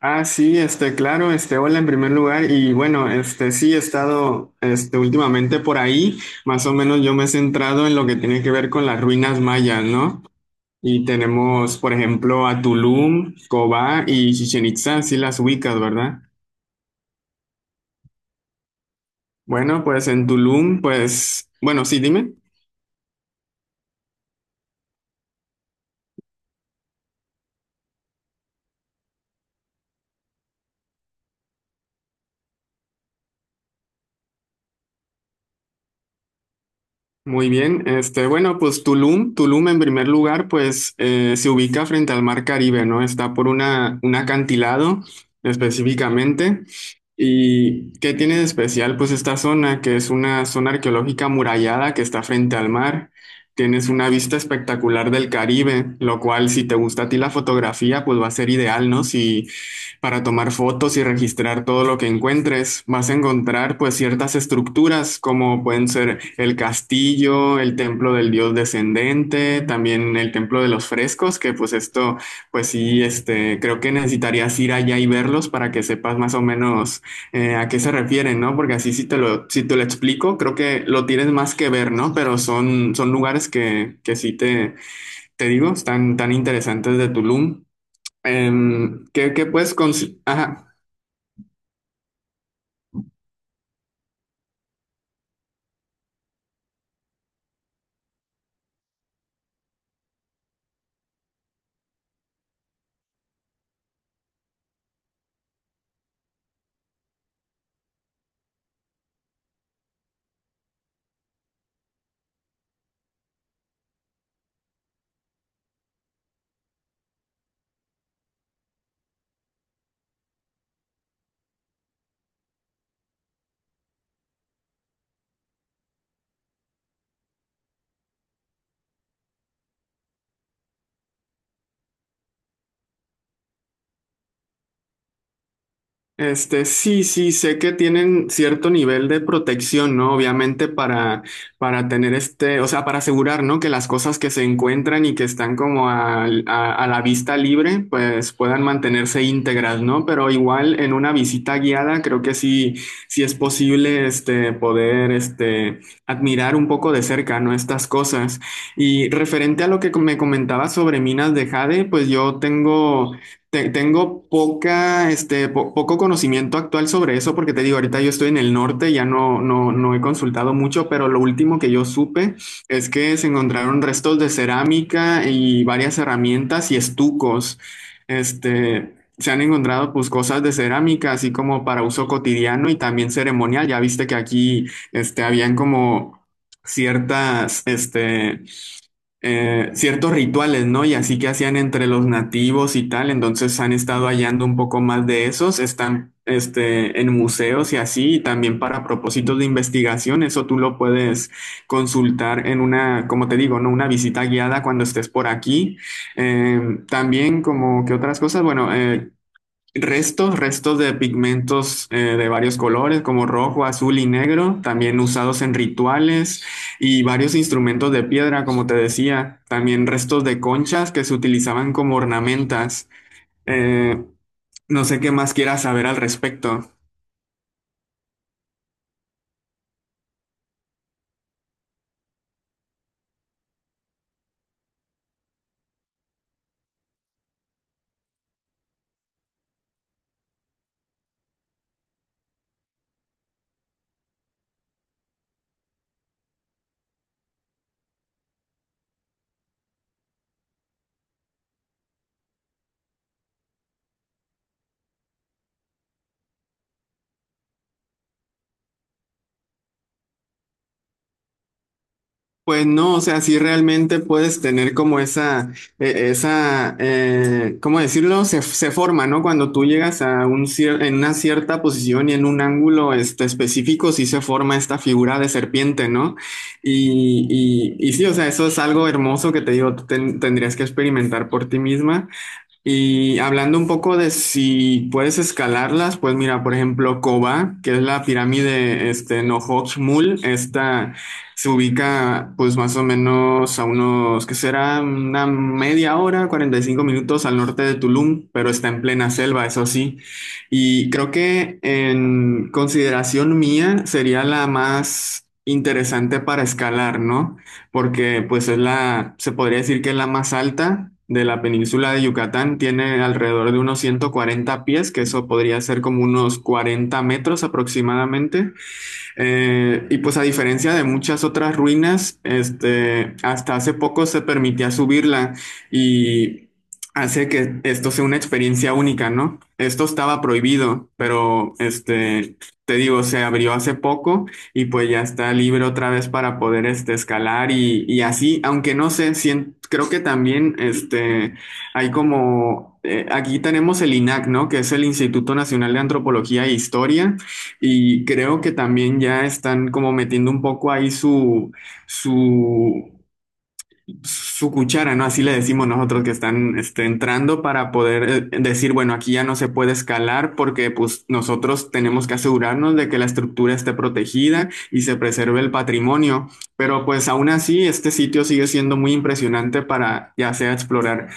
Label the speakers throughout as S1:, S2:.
S1: Ah, sí, claro, hola en primer lugar. Y bueno, sí he estado, últimamente por ahí. Más o menos yo me he centrado en lo que tiene que ver con las ruinas mayas, ¿no? Y tenemos, por ejemplo, a Tulum, Cobá y Chichen Itzá, sí las ubicas, ¿verdad? Bueno, pues en Tulum, pues, bueno, sí, dime. Muy bien, bueno, pues Tulum, Tulum en primer lugar, pues se ubica frente al Mar Caribe, ¿no? Está por una, un acantilado específicamente. ¿Y qué tiene de especial? Pues esta zona, que es una zona arqueológica amurallada que está frente al mar. Tienes una vista espectacular del Caribe, lo cual si te gusta a ti la fotografía, pues va a ser ideal, ¿no? Si, para tomar fotos y registrar todo lo que encuentres. Vas a encontrar pues ciertas estructuras como pueden ser el castillo, el templo del dios descendente, también el templo de los frescos, que pues esto, pues sí, creo que necesitarías ir allá y verlos para que sepas más o menos a qué se refieren, ¿no? Porque así si te lo explico, creo que lo tienes más que ver, ¿no? Pero son, son lugares que sí te digo, están tan interesantes de Tulum. Ajá. Sí, sí, sé que tienen cierto nivel de protección, ¿no? Obviamente para tener o sea, para asegurar, ¿no? Que las cosas que se encuentran y que están como a la vista libre, pues puedan mantenerse íntegras, ¿no? Pero igual en una visita guiada, creo que sí, sí es posible, poder, admirar un poco de cerca, ¿no? Estas cosas. Y referente a lo que me comentaba sobre minas de jade, pues tengo poca, poco conocimiento actual sobre eso, porque te digo, ahorita yo estoy en el norte, ya no, no he consultado mucho, pero lo último que yo supe es que se encontraron restos de cerámica y varias herramientas y estucos. Se han encontrado pues cosas de cerámica, así como para uso cotidiano y también ceremonial. Ya viste que aquí, habían como ciertas, ciertos rituales, ¿no? Y así que hacían entre los nativos y tal. Entonces han estado hallando un poco más de esos, están en museos y así, y también para propósitos de investigación. Eso tú lo puedes consultar en una, como te digo, ¿no? Una visita guiada cuando estés por aquí. Eh, también como que otras cosas, bueno, restos, restos de pigmentos de varios colores, como rojo, azul y negro, también usados en rituales, y varios instrumentos de piedra, como te decía. También restos de conchas que se utilizaban como ornamentas. Eh, no sé qué más quieras saber al respecto. Pues no, o sea, sí realmente puedes tener como esa, ¿cómo decirlo? Se forma, ¿no? Cuando tú llegas a en una cierta posición y en un ángulo específico, sí se forma esta figura de serpiente, ¿no? Y, y sí, o sea, eso es algo hermoso que te digo, tú tendrías que experimentar por ti misma. Y hablando un poco de si puedes escalarlas, pues mira, por ejemplo, Koba, que es la pirámide Mul, esta se ubica pues más o menos a unos, ¿qué será? Una media hora, 45 minutos al norte de Tulum, pero está en plena selva, eso sí. Y creo que en consideración mía sería la más interesante para escalar, ¿no? Porque pues es la, se podría decir que es la más alta de la península de Yucatán, tiene alrededor de unos 140 pies, que eso podría ser como unos 40 metros aproximadamente. Y pues a diferencia de muchas otras ruinas, hasta hace poco se permitía subirla, y hace que esto sea una experiencia única, ¿no? Esto estaba prohibido, pero te digo, se abrió hace poco, y pues ya está libre otra vez para poder escalar y así, aunque no sé, creo que también hay como, aquí tenemos el INAC, ¿no? Que es el Instituto Nacional de Antropología e Historia. Y creo que también ya están como metiendo un poco ahí su, su cuchara, ¿no? Así le decimos nosotros. Que están entrando para poder decir, bueno, aquí ya no se puede escalar porque pues nosotros tenemos que asegurarnos de que la estructura esté protegida y se preserve el patrimonio. Pero pues aún así, este sitio sigue siendo muy impresionante para ya sea explorar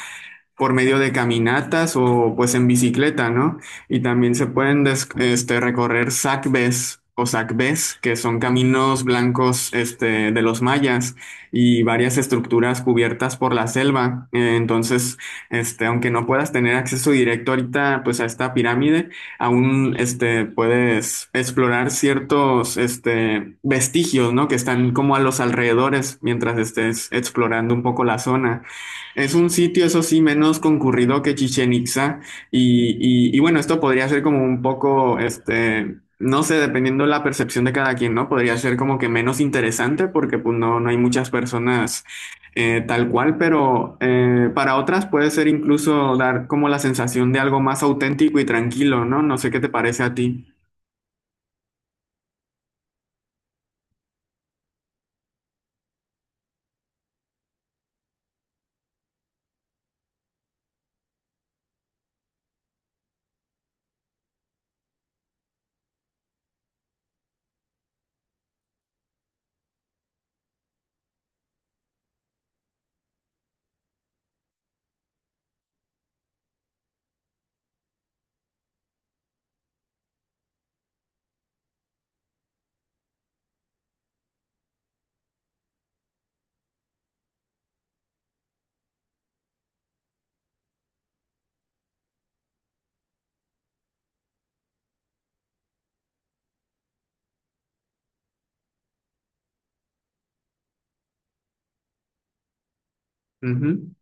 S1: por medio de caminatas o pues en bicicleta, ¿no? Y también se pueden recorrer sacbés o sacbés, que son caminos blancos de los mayas, y varias estructuras cubiertas por la selva. Entonces, aunque no puedas tener acceso directo ahorita pues a esta pirámide, aún puedes explorar ciertos vestigios, ¿no? Que están como a los alrededores mientras estés explorando un poco la zona. Es un sitio, eso sí, menos concurrido que Chichen Itza. Y, y bueno, esto podría ser como un poco, no sé, dependiendo la percepción de cada quien, ¿no? Podría ser como que menos interesante porque pues no, no hay muchas personas tal cual. Pero para otras puede ser incluso dar como la sensación de algo más auténtico y tranquilo, ¿no? No sé qué te parece a ti. Ujú.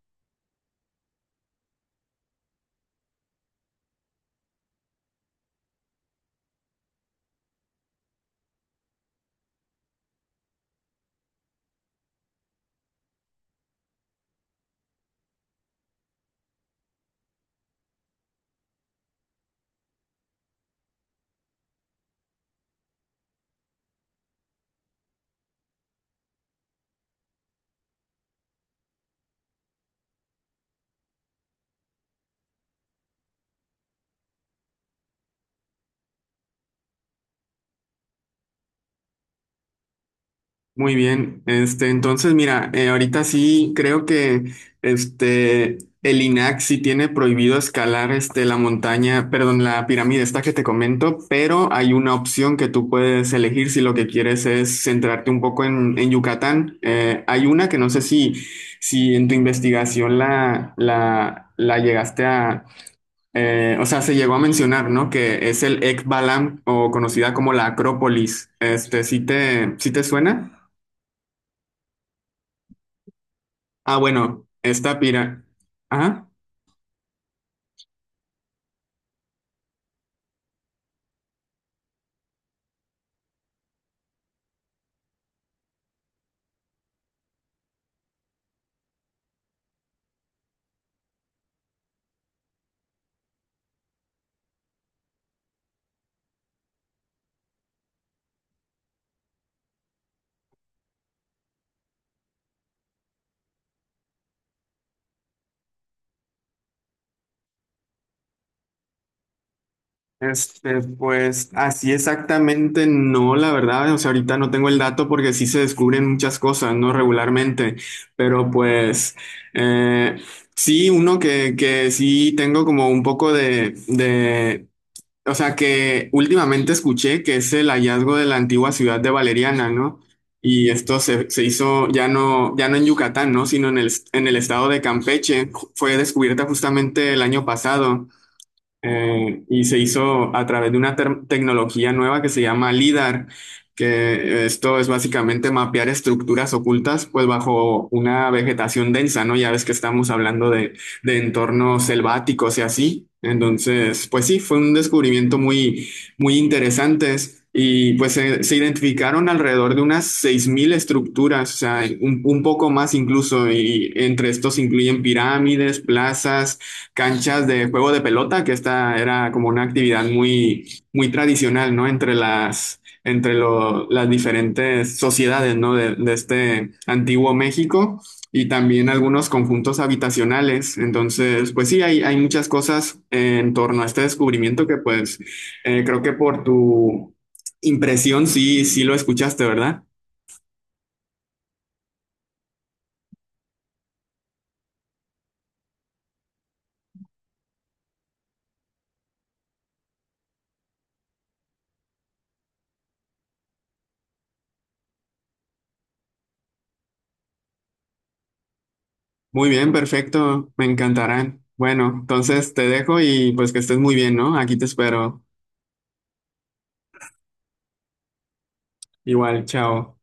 S1: Muy bien, entonces mira, ahorita sí creo que este el INAC sí tiene prohibido escalar este la montaña, perdón, la pirámide esta que te comento. Pero hay una opción que tú puedes elegir si lo que quieres es centrarte un poco en Yucatán. Hay una que no sé si, si en tu investigación la llegaste a o sea, se llegó a mencionar, ¿no? Que es el Ekbalam o conocida como la Acrópolis. Sí te suena? Ah, bueno, esta pira. Ajá. Pues así exactamente no, la verdad, o sea, ahorita no tengo el dato porque sí se descubren muchas cosas, ¿no? Regularmente, pero pues eh, sí, uno que sí tengo como un poco de, o sea que últimamente escuché que es el hallazgo de la antigua ciudad de Valeriana, ¿no? Y esto se, se hizo ya no, ya no en Yucatán, ¿no? Sino en el estado de Campeche. Fue descubierta justamente el año pasado. Y se hizo a través de una tecnología nueva que se llama LIDAR, que esto es básicamente mapear estructuras ocultas pues bajo una vegetación densa, ¿no? Ya ves que estamos hablando de entornos selváticos y así. Entonces, pues sí, fue un descubrimiento muy, muy interesante. Y pues se identificaron alrededor de unas 6.000 estructuras, o sea, un poco más incluso, y entre estos incluyen pirámides, plazas, canchas de juego de pelota, que esta era como una actividad muy, muy tradicional, ¿no? Entre las, las diferentes sociedades, ¿no? De este antiguo México, y también algunos conjuntos habitacionales. Entonces, pues sí, hay muchas cosas en torno a este descubrimiento que pues creo que por tu impresión sí, sí lo escuchaste, ¿verdad? Muy bien, perfecto, me encantarán. Bueno, entonces te dejo y pues que estés muy bien, ¿no? Aquí te espero. Igual, chao.